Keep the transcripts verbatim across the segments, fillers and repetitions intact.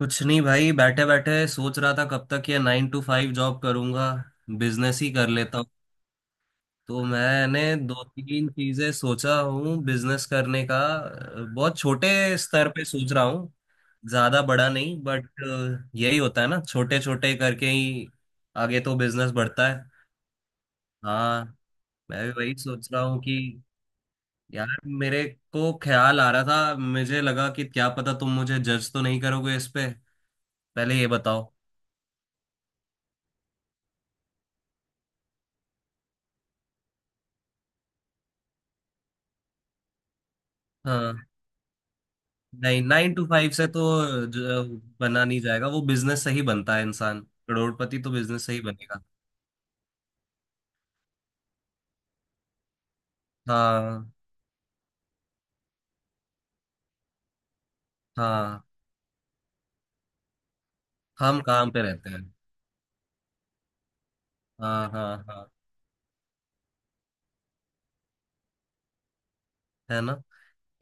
कुछ नहीं भाई। बैठे बैठे सोच रहा था कब तक ये नाइन टू फाइव जॉब करूंगा। बिजनेस ही कर लेता हूँ। तो मैंने दो तीन चीजें सोचा हूँ बिजनेस करने का। अ, बहुत छोटे स्तर पे सोच रहा हूँ, ज्यादा बड़ा नहीं बट यही होता है ना, छोटे छोटे करके ही आगे तो बिजनेस बढ़ता है। हाँ, मैं भी वही सोच रहा हूँ कि यार मेरे को ख्याल आ रहा था, मुझे लगा कि क्या पता तुम मुझे जज तो नहीं करोगे इस पे। पहले ये बताओ। हाँ, नहीं नाइन टू फाइव से तो ज- बना नहीं जाएगा, वो बिजनेस से ही बनता है इंसान। करोड़पति तो बिजनेस से ही बनेगा। हाँ, हाँ, हम काम पे रहते हैं। हाँ हाँ हाँ, है ना।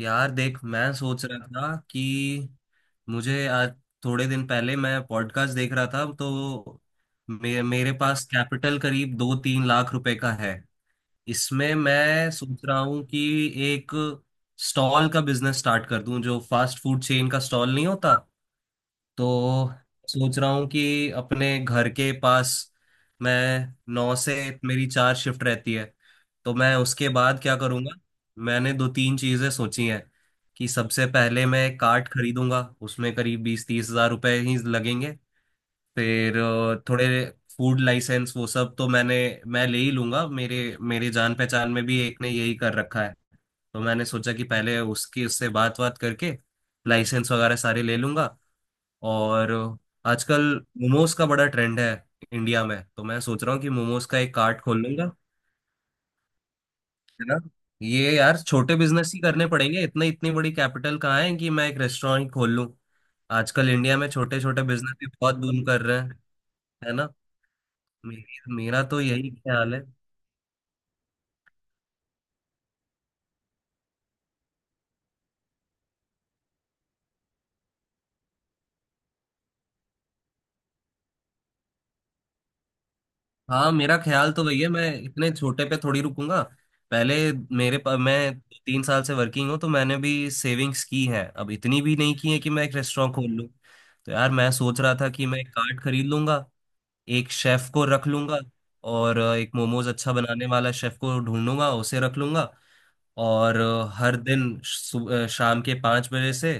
यार देख, मैं सोच रहा था कि मुझे आज, थोड़े दिन पहले मैं पॉडकास्ट देख रहा था, तो मे, मेरे पास कैपिटल करीब दो तीन लाख रुपए का है। इसमें मैं सोच रहा हूँ कि एक स्टॉल का बिजनेस स्टार्ट कर दूं जो फास्ट फूड चेन का स्टॉल नहीं होता। तो सोच रहा हूँ कि अपने घर के पास, मैं नौ से, मेरी चार शिफ्ट रहती है तो मैं उसके बाद क्या करूँगा। मैंने दो तीन चीज़ें सोची हैं कि सबसे पहले मैं कार्ट खरीदूंगा उसमें करीब बीस तीस हज़ार रुपये ही लगेंगे। फिर अ, थोड़े फूड लाइसेंस वो सब तो मैंने, मैं ले ही लूंगा। मेरे मेरे जान पहचान में भी एक ने यही कर रखा है। तो मैंने सोचा कि पहले उसकी उससे बात बात करके लाइसेंस वगैरह सारे ले लूंगा, और आजकल मोमोज का बड़ा ट्रेंड है इंडिया में, तो मैं सोच रहा हूँ कि मोमोज का एक कार्ट खोल लूंगा, है ना। ये यार छोटे बिजनेस ही करने पड़ेंगे, इतने इतनी बड़ी कैपिटल कहाँ है कि मैं एक रेस्टोरेंट खोल लूँ। आजकल इंडिया में छोटे छोटे बिजनेस भी बहुत बूम कर रहे हैं, है ना। मेरी- मेरा तो यही ख्याल है। हाँ, मेरा ख्याल तो वही है, मैं इतने छोटे पे थोड़ी रुकूंगा। पहले मेरे पा, मैं तीन साल से वर्किंग हूँ तो मैंने भी सेविंग्स की है। अब इतनी भी नहीं की है कि मैं एक रेस्टोरेंट खोल लूँ। तो यार मैं सोच रहा था कि मैं एक कार्ट खरीद लूंगा, एक शेफ को रख लूंगा, और अ, एक मोमोज अच्छा बनाने वाला शेफ को ढूंढ लूंगा, उसे रख लूंगा। और अ, हर दिन सु- अ, शाम के पाँच बजे से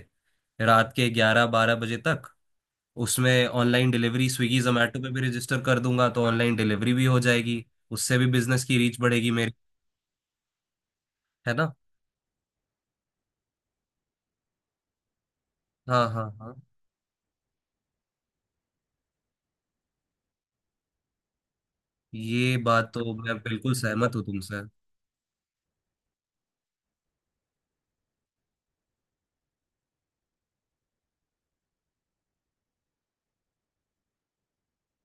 रात के ग्यारह बारह बजे तक, उसमें ऑनलाइन डिलीवरी, स्विगी जोमेटो पे भी रजिस्टर कर दूंगा तो ऑनलाइन डिलीवरी भी हो जाएगी। उससे भी बिजनेस की रीच बढ़ेगी मेरी, है ना। हाँ हाँ हाँ, ये बात तो मैं बिल्कुल सहमत हूँ तुमसे।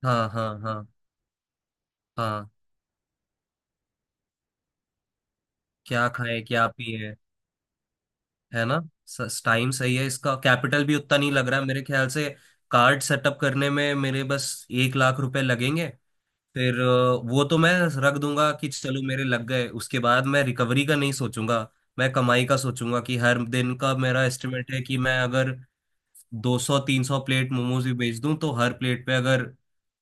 हाँ हाँ हाँ हाँ, क्या खाएं क्या पिए, है ना। टाइम सही है, इसका कैपिटल भी उतना नहीं लग रहा है मेरे ख्याल से। कार्ड सेटअप करने में मेरे बस एक लाख रुपए लगेंगे। फिर अ, वो तो मैं रख दूंगा कि चलो मेरे लग गए, उसके बाद मैं रिकवरी का नहीं सोचूंगा, मैं कमाई का सोचूंगा। कि हर दिन का मेरा एस्टिमेट है कि मैं अगर दो सौ तीन सौ प्लेट मोमोज भी बेच दूं तो हर प्लेट पे अगर,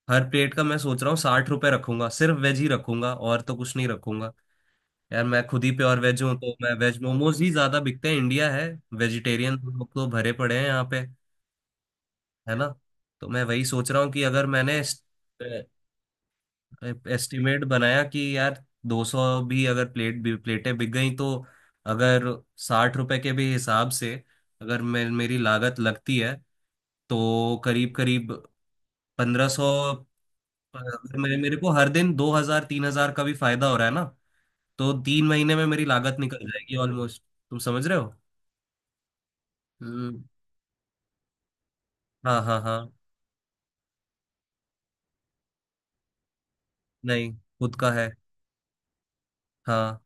हर प्लेट का मैं सोच रहा हूँ साठ रुपए रखूंगा, सिर्फ वेज ही रखूंगा, और तो कुछ नहीं रखूंगा। यार मैं खुद ही प्योर वेज हूँ तो मैं वेज, मोमोज ही ज्यादा बिकते हैं, इंडिया है, वेजिटेरियन लोग तो भरे पड़े हैं यहाँ पे, है ना। तो मैं वही सोच रहा हूँ कि अगर मैंने एस्टिमेट बनाया कि यार दो सौ भी अगर प्लेट भी प्लेटें बिक गई तो, अगर साठ रुपए के भी हिसाब से, अगर मैं, मेरी लागत लगती है, तो करीब करीब पंद्रह सौ। अगर मेरे मेरे को हर दिन दो हजार तीन हजार का भी फायदा हो रहा है ना, तो तीन महीने में मेरी लागत निकल जाएगी ऑलमोस्ट। तुम समझ रहे हो। हम्म, हाँ हाँ हाँ। नहीं खुद का है। हाँ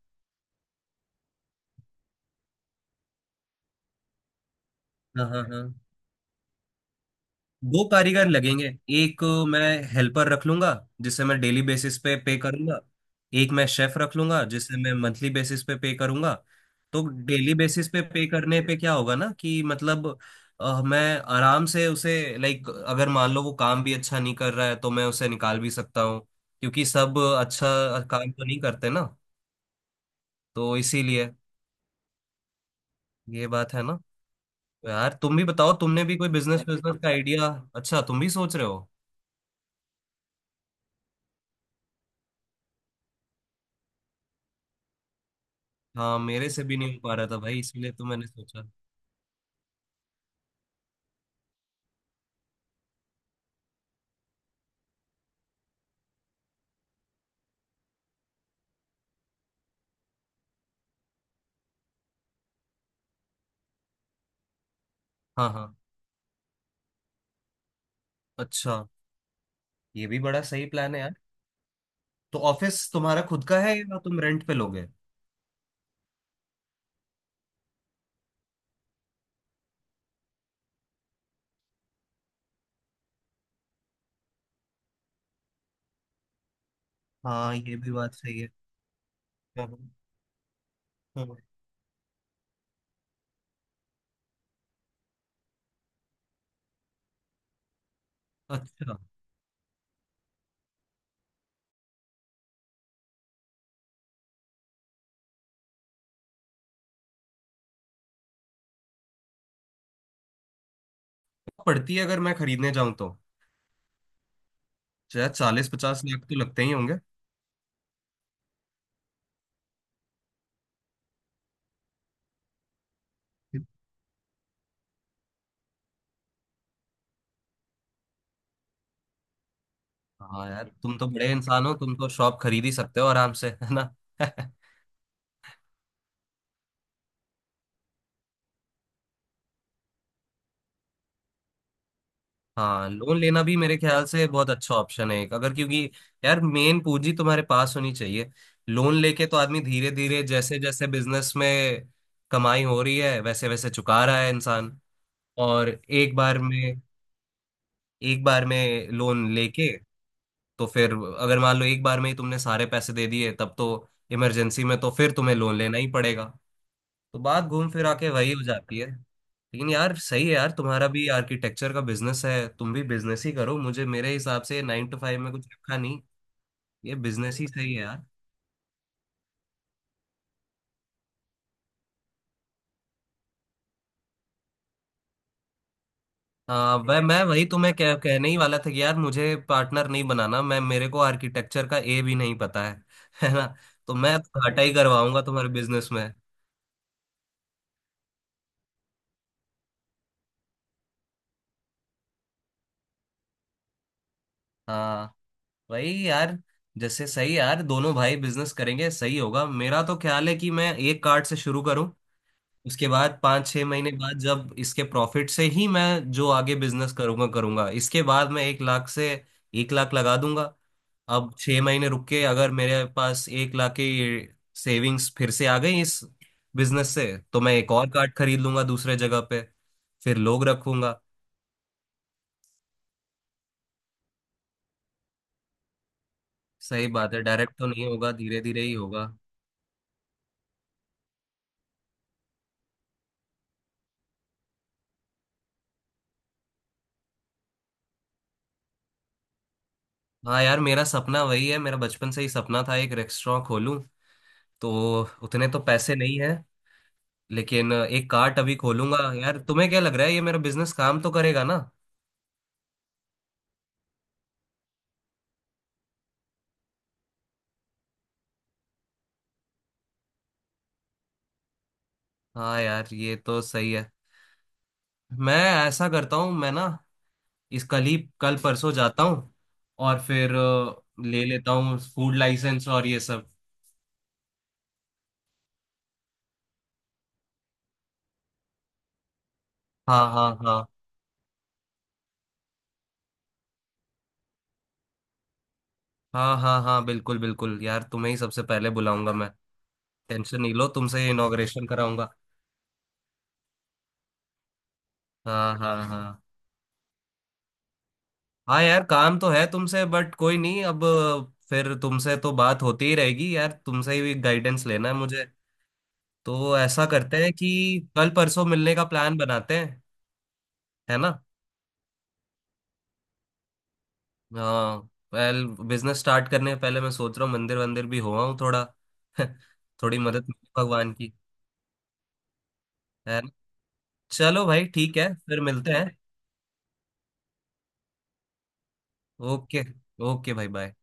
हाँ हाँ हाँ। दो कारीगर लगेंगे, एक मैं हेल्पर रख लूंगा जिसे मैं डेली बेसिस पे पे करूंगा, एक मैं शेफ रख लूंगा जिसे मैं मंथली बेसिस पे पे करूंगा। तो डेली बेसिस पे पे करने पे क्या होगा ना कि मतलब अ, मैं आराम से उसे, लाइक अगर मान लो वो काम भी अच्छा नहीं कर रहा है तो मैं उसे निकाल भी सकता हूँ, क्योंकि सब अच्छा काम तो नहीं करते ना, तो इसीलिए ये बात है, ना। यार तुम भी बताओ, तुमने भी कोई बिजनेस, बिजनेस का आइडिया, अच्छा तुम भी सोच रहे हो। हाँ, मेरे से भी नहीं हो पा रहा था भाई, इसलिए तो मैंने सोचा। हाँ हाँ, अच्छा, ये भी बड़ा सही प्लान है यार। तो ऑफिस तुम्हारा खुद का है या तुम रेंट पे लोगे। हाँ ये भी बात सही है। हाँ, हाँ। अच्छा, तो पड़ती है अगर मैं खरीदने जाऊं तो, शायद चालीस पचास लाख तो लगते ही होंगे। हाँ यार तुम तो बड़े इंसान हो, तुम तो शॉप खरीद ही सकते हो आराम से, है ना। हाँ, लोन लेना भी मेरे ख्याल से बहुत अच्छा ऑप्शन है एक, अगर क्योंकि यार मेन पूंजी तुम्हारे पास होनी चाहिए। लोन लेके तो आदमी धीरे धीरे, जैसे जैसे बिजनेस में कमाई हो रही है वैसे वैसे चुका रहा है इंसान। और एक बार में, एक बार में लोन लेके, तो फिर अगर मान लो एक बार में ही तुमने सारे पैसे दे दिए तब तो इमरजेंसी में तो फिर तुम्हें लोन लेना ही पड़ेगा। तो बात घूम फिरा के वही हो जाती है। लेकिन यार सही है, यार तुम्हारा भी आर्किटेक्चर का बिजनेस है, तुम भी बिजनेस ही करो, मुझे मेरे हिसाब से नाइन टू फाइव में कुछ रखा नहीं, ये बिजनेस ही सही है यार। आ, वह, मैं वही तुम्हें कह, कहने ही वाला था कि यार मुझे पार्टनर नहीं बनाना। मैं, मेरे को आर्किटेक्चर का ए भी नहीं पता है। है ना, तो मैं घाटा ही करवाऊंगा तुम्हारे बिजनेस में। हाँ वही यार, जैसे सही है यार, दोनों भाई बिजनेस करेंगे सही होगा। मेरा तो ख्याल है कि मैं एक कार्ड से शुरू करूं, उसके बाद पाँच छः महीने बाद जब इसके प्रॉफिट से ही मैं जो आगे बिजनेस करूंगा करूंगा, इसके बाद मैं एक लाख से, एक लाख लगा दूंगा। अब छः महीने रुक के अगर मेरे पास एक लाख की सेविंग्स फिर से आ गई इस बिजनेस से, तो मैं एक और कार्ड खरीद लूंगा दूसरे जगह पे, फिर लोग रखूंगा। सही बात है, डायरेक्ट तो नहीं होगा, धीरे धीरे ही होगा। हाँ यार, मेरा सपना वही है, मेरा बचपन से ही सपना था एक रेस्टोरेंट खोलूं। तो उतने तो पैसे नहीं है, लेकिन एक कार्ट अभी खोलूंगा। यार तुम्हें क्या लग रहा है, ये मेरा बिजनेस काम तो करेगा ना। हाँ यार ये तो सही है। मैं ऐसा करता हूँ मैं ना, इस कल ही कल परसों जाता हूँ और फिर अ, ले लेता हूँ फूड लाइसेंस और ये सब। हाँ हाँ हाँ हाँ हाँ हाँ, बिल्कुल बिल्कुल यार, तुम्हें ही सबसे पहले बुलाऊंगा मैं। टेंशन नहीं लो, तुमसे इनॉग्रेशन कराऊंगा। हाँ हाँ हाँ हाँ यार, काम तो है तुमसे, बट कोई नहीं, अब फिर तुमसे तो बात होती ही रहेगी यार, तुमसे ही गाइडेंस लेना है मुझे। तो ऐसा करते हैं कि कल परसों मिलने का प्लान बनाते हैं, है ना। हाँ, वेल बिजनेस स्टार्ट करने से पहले मैं सोच रहा हूँ मंदिर वंदिर भी हो आऊँ थोड़ा, थोड़ी मदद मिले भगवान की, है ना। चलो भाई ठीक है, फिर मिलते हैं। ओके, ओके भाई बाय।